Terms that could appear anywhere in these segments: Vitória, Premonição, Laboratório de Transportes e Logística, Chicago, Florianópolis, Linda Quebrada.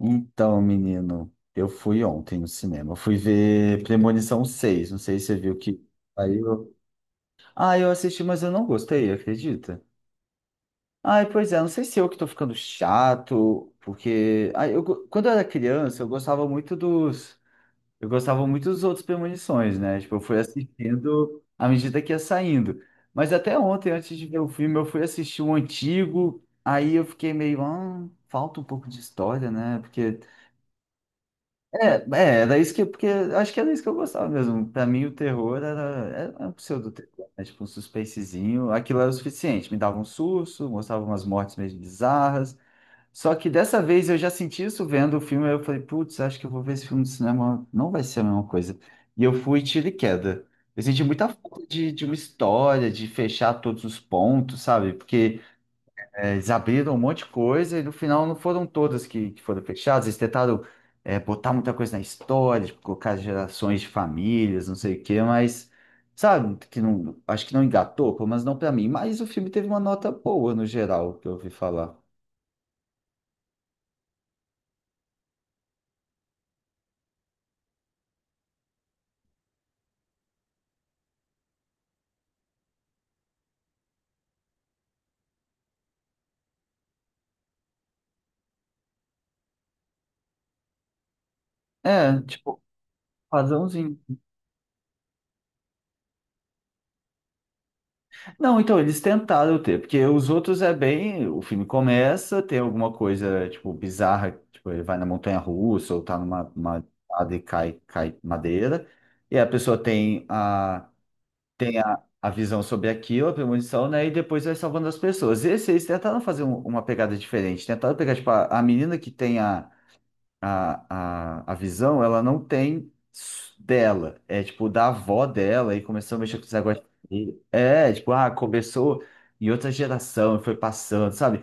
Então, menino, eu fui ontem no cinema. Eu fui ver Premonição seis. Não sei se você viu que saiu. Ah, eu assisti, mas eu não gostei, acredita? Ai, pois é, não sei se eu que tô ficando chato, porque ai, quando eu era criança, eu gostava muito dos. Eu gostava muito dos outros Premonições, né? Tipo, eu fui assistindo à medida que ia saindo. Mas até ontem, antes de ver o filme, eu fui assistir o antigo. Aí eu fiquei meio, ah, falta um pouco de história, né? Porque era isso que, porque acho que era isso que eu gostava mesmo. Pra mim, o terror era, era um pseudo-terror, né? Tipo um suspensezinho. Aquilo era o suficiente. Me dava um susto, mostrava umas mortes meio bizarras. Só que dessa vez eu já senti isso vendo o filme. Aí eu falei, putz, acho que eu vou ver esse filme no cinema. Não vai ser a mesma coisa. E eu fui tiro e queda. Eu senti muita falta de uma história, de fechar todos os pontos, sabe? Porque. É, eles abriram um monte de coisa e no final não foram todas que foram fechadas. Eles tentaram botar muita coisa na história, tipo, colocar gerações de famílias, não sei o quê, mas sabe, que não, acho que não engatou, pelo menos não pra mim. Mas o filme teve uma nota boa no geral, que eu ouvi falar. É, tipo, padrãozinho. Não, então eles tentaram ter, porque os outros é bem. O filme começa, tem alguma coisa, tipo, bizarra, tipo, ele vai na montanha-russa ou tá numa escada e cai, cai madeira, e a pessoa tem a, tem a visão sobre aquilo, a premonição, né? E depois vai salvando as pessoas. Esse, eles tentaram fazer uma pegada diferente, tentaram pegar, tipo, a menina que tem a, a visão, ela não tem s- dela. É tipo da avó dela e começou a mexer com os negócios. É, tipo, ah, começou em outra geração e foi passando, sabe?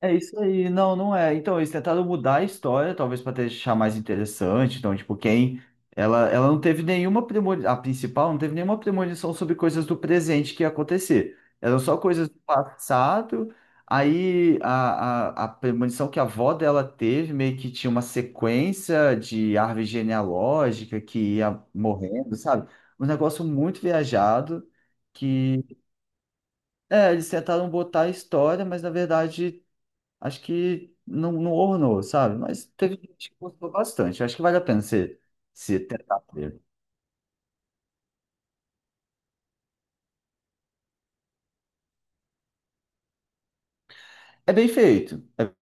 É isso aí, não, não é. Então, eles tentaram mudar a história, talvez para deixar mais interessante. Então, tipo, quem. Ela não teve nenhuma premonição, a principal não teve nenhuma premonição sobre coisas do presente que ia acontecer. Eram só coisas do passado. Aí, a premonição que a avó dela teve meio que tinha uma sequência de árvore genealógica que ia morrendo, sabe? Um negócio muito viajado que. É, eles tentaram botar a história, mas na verdade. Acho que não, não ornou, sabe? Mas teve gente que gostou bastante. Acho que vale a pena você se tentar ver. É bem feito. É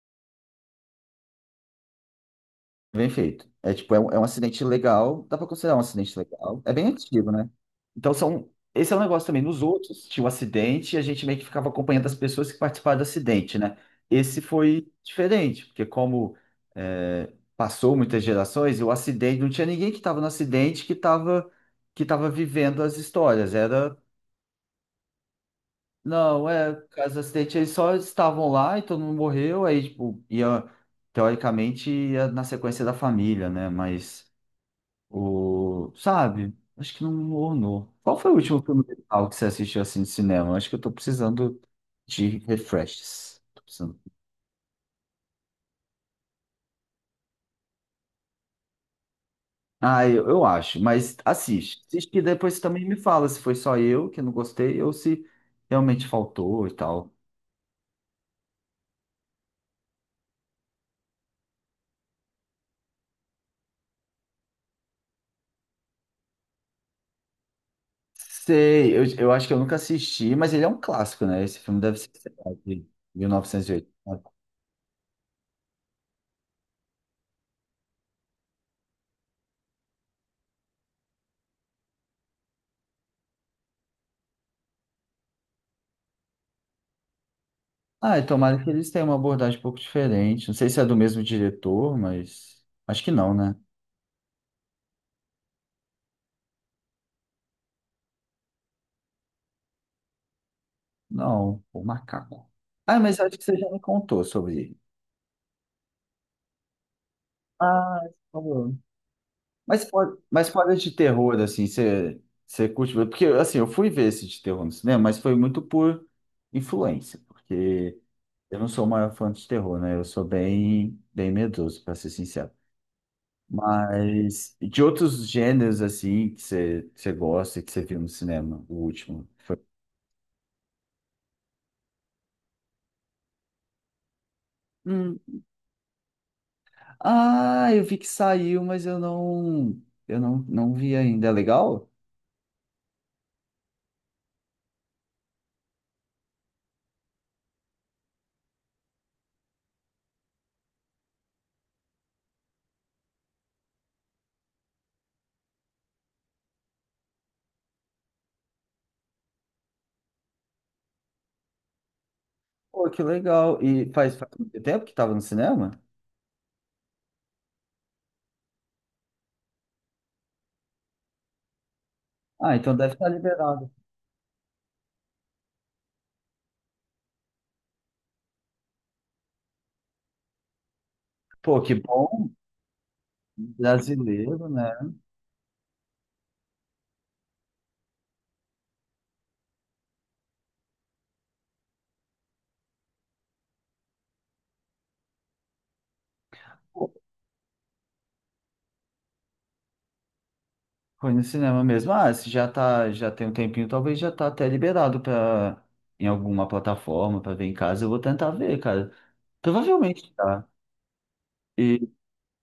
bem feito. É tipo, é um acidente legal. Dá pra considerar um acidente legal. É bem antigo, né? Então são. Esse é um negócio também. Nos outros, tinha o acidente e a gente meio que ficava acompanhando as pessoas que participaram do acidente, né? Esse foi diferente, porque como é, passou muitas gerações, e o acidente, não tinha ninguém que estava no acidente que estava vivendo as histórias. Era Não, é, por causa do acidente, eles só estavam lá e todo mundo morreu, aí, tipo, ia, teoricamente, ia na sequência da família, né? Mas, o, sabe? Acho que não ornou. Qual foi o último filme musical que você assistiu, assim, de cinema? Acho que eu tô precisando de refreshes. Tô precisando. Ah, eu acho, mas assiste. Assiste que depois você também me fala se foi só eu que não gostei ou se realmente faltou e tal. Sei, eu acho que eu nunca assisti, mas ele é um clássico, né? Esse filme deve ser, sei lá, de 1980. Ah, e tomara que eles tenham uma abordagem um pouco diferente. Não sei se é do mesmo diretor, mas acho que não, né? Não, o macaco. Ah, mas acho que você já me contou sobre ele. Ah, por favor. Mas, mas fora de terror, assim, você curte ver? Porque, assim, eu fui ver esse de terror no cinema, mas foi muito por influência, porque eu não sou o maior fã de terror, né? Eu sou bem medroso, para ser sincero. Mas de outros gêneros, assim, que você gosta, que você viu no cinema, o último. Hum. Ah, eu vi que saiu, mas eu não vi ainda. É legal? Pô, que legal. E faz muito tempo que estava no cinema? Ah, então deve estar liberado. Pô, que bom, brasileiro, né? Pô, foi no cinema mesmo. Ah, se já tá, já tem um tempinho, talvez já tá até liberado para em alguma plataforma para ver em casa. Eu vou tentar ver, cara. Provavelmente tá. E,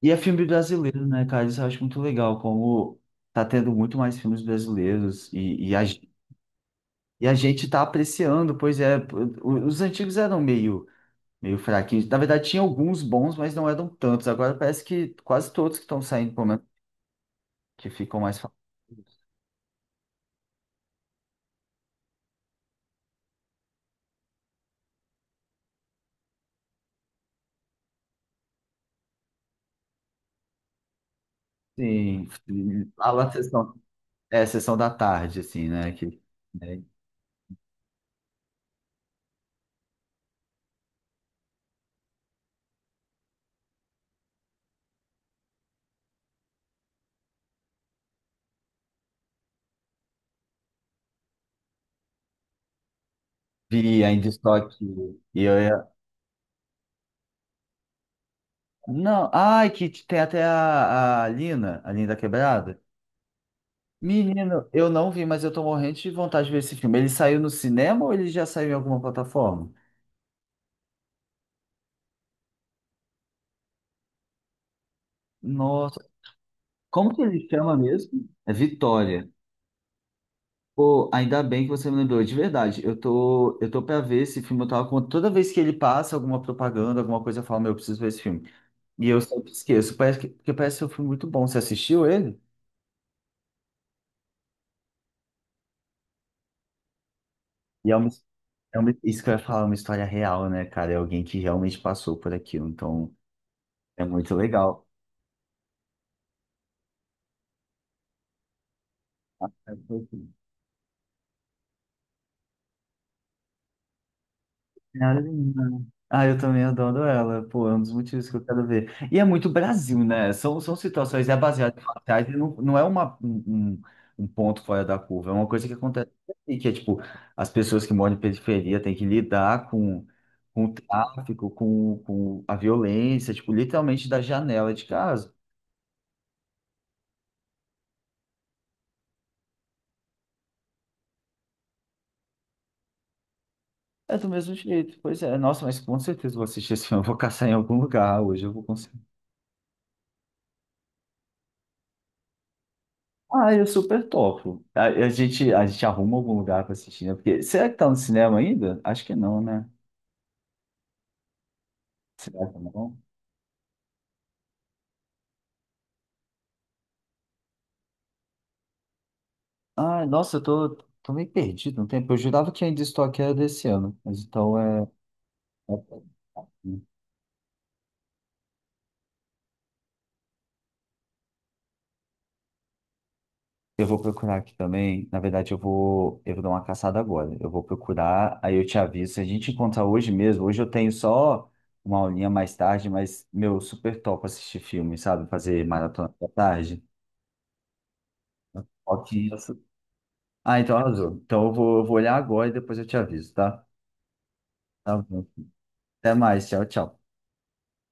e é filme brasileiro, né, cara? Isso eu acho muito legal, como tá tendo muito mais filmes brasileiros e a gente tá apreciando, pois é, os antigos eram meio fraquinhos. Na verdade, tinha alguns bons, mas não eram tantos. Agora parece que quase todos que estão saindo, pelo menos, que ficam mais famosos. Sim, sim. Lá na sessão, é, sessão da tarde, assim, né? Que, né, vi ainda estoque e eu ia. Não, ai, que tem até a Lina, a Linda Quebrada. Menino, eu não vi, mas eu tô morrendo de vontade de ver esse filme. Ele saiu no cinema ou ele já saiu em alguma plataforma? Nossa, como que ele chama mesmo? É Vitória. Pô, ainda bem que você me lembrou, de verdade. Eu tô pra ver esse filme, eu tava com toda vez que ele passa alguma propaganda, alguma coisa, eu falo, meu, eu preciso ver esse filme. E eu sempre esqueço. Parece que, porque parece que eu fui muito bom. Você assistiu ele? E é uma, isso que eu ia falar, é uma história real, né, cara? É alguém que realmente passou por aquilo. Então, é muito legal. Senhora Menina. Ah, eu também adoro ela. Pô, é um dos motivos que eu quero ver. E é muito Brasil, né? São, são situações, é baseado em fatais, e não é uma, um, um um ponto fora da curva, é uma coisa que acontece aqui, que é tipo, as pessoas que moram em periferia têm que lidar com o tráfico, com a violência, tipo, literalmente da janela de casa. É do mesmo jeito. Pois é, nossa, mas com certeza eu vou assistir esse filme, eu vou caçar em algum lugar hoje, eu vou conseguir. Ah, eu super topo. A gente arruma algum lugar pra assistir, né? Porque, será que tá no cinema ainda? Acho que não, né? Será que não? Ah, nossa, tô meio perdido no tempo. Eu jurava que ainda estou aqui era desse ano, mas então é... é- Eu vou procurar aqui também. Na verdade, eu vou dar uma caçada agora. Eu vou procurar, aí eu te aviso. Se a gente encontrar hoje mesmo, hoje eu tenho só uma aulinha mais tarde, mas, meu, super top assistir filme, sabe? Fazer maratona da tarde. Ok, ah, então arrasou. Então eu vou olhar agora e depois eu te aviso, tá? Tá bom. Até mais. Tchau, tchau.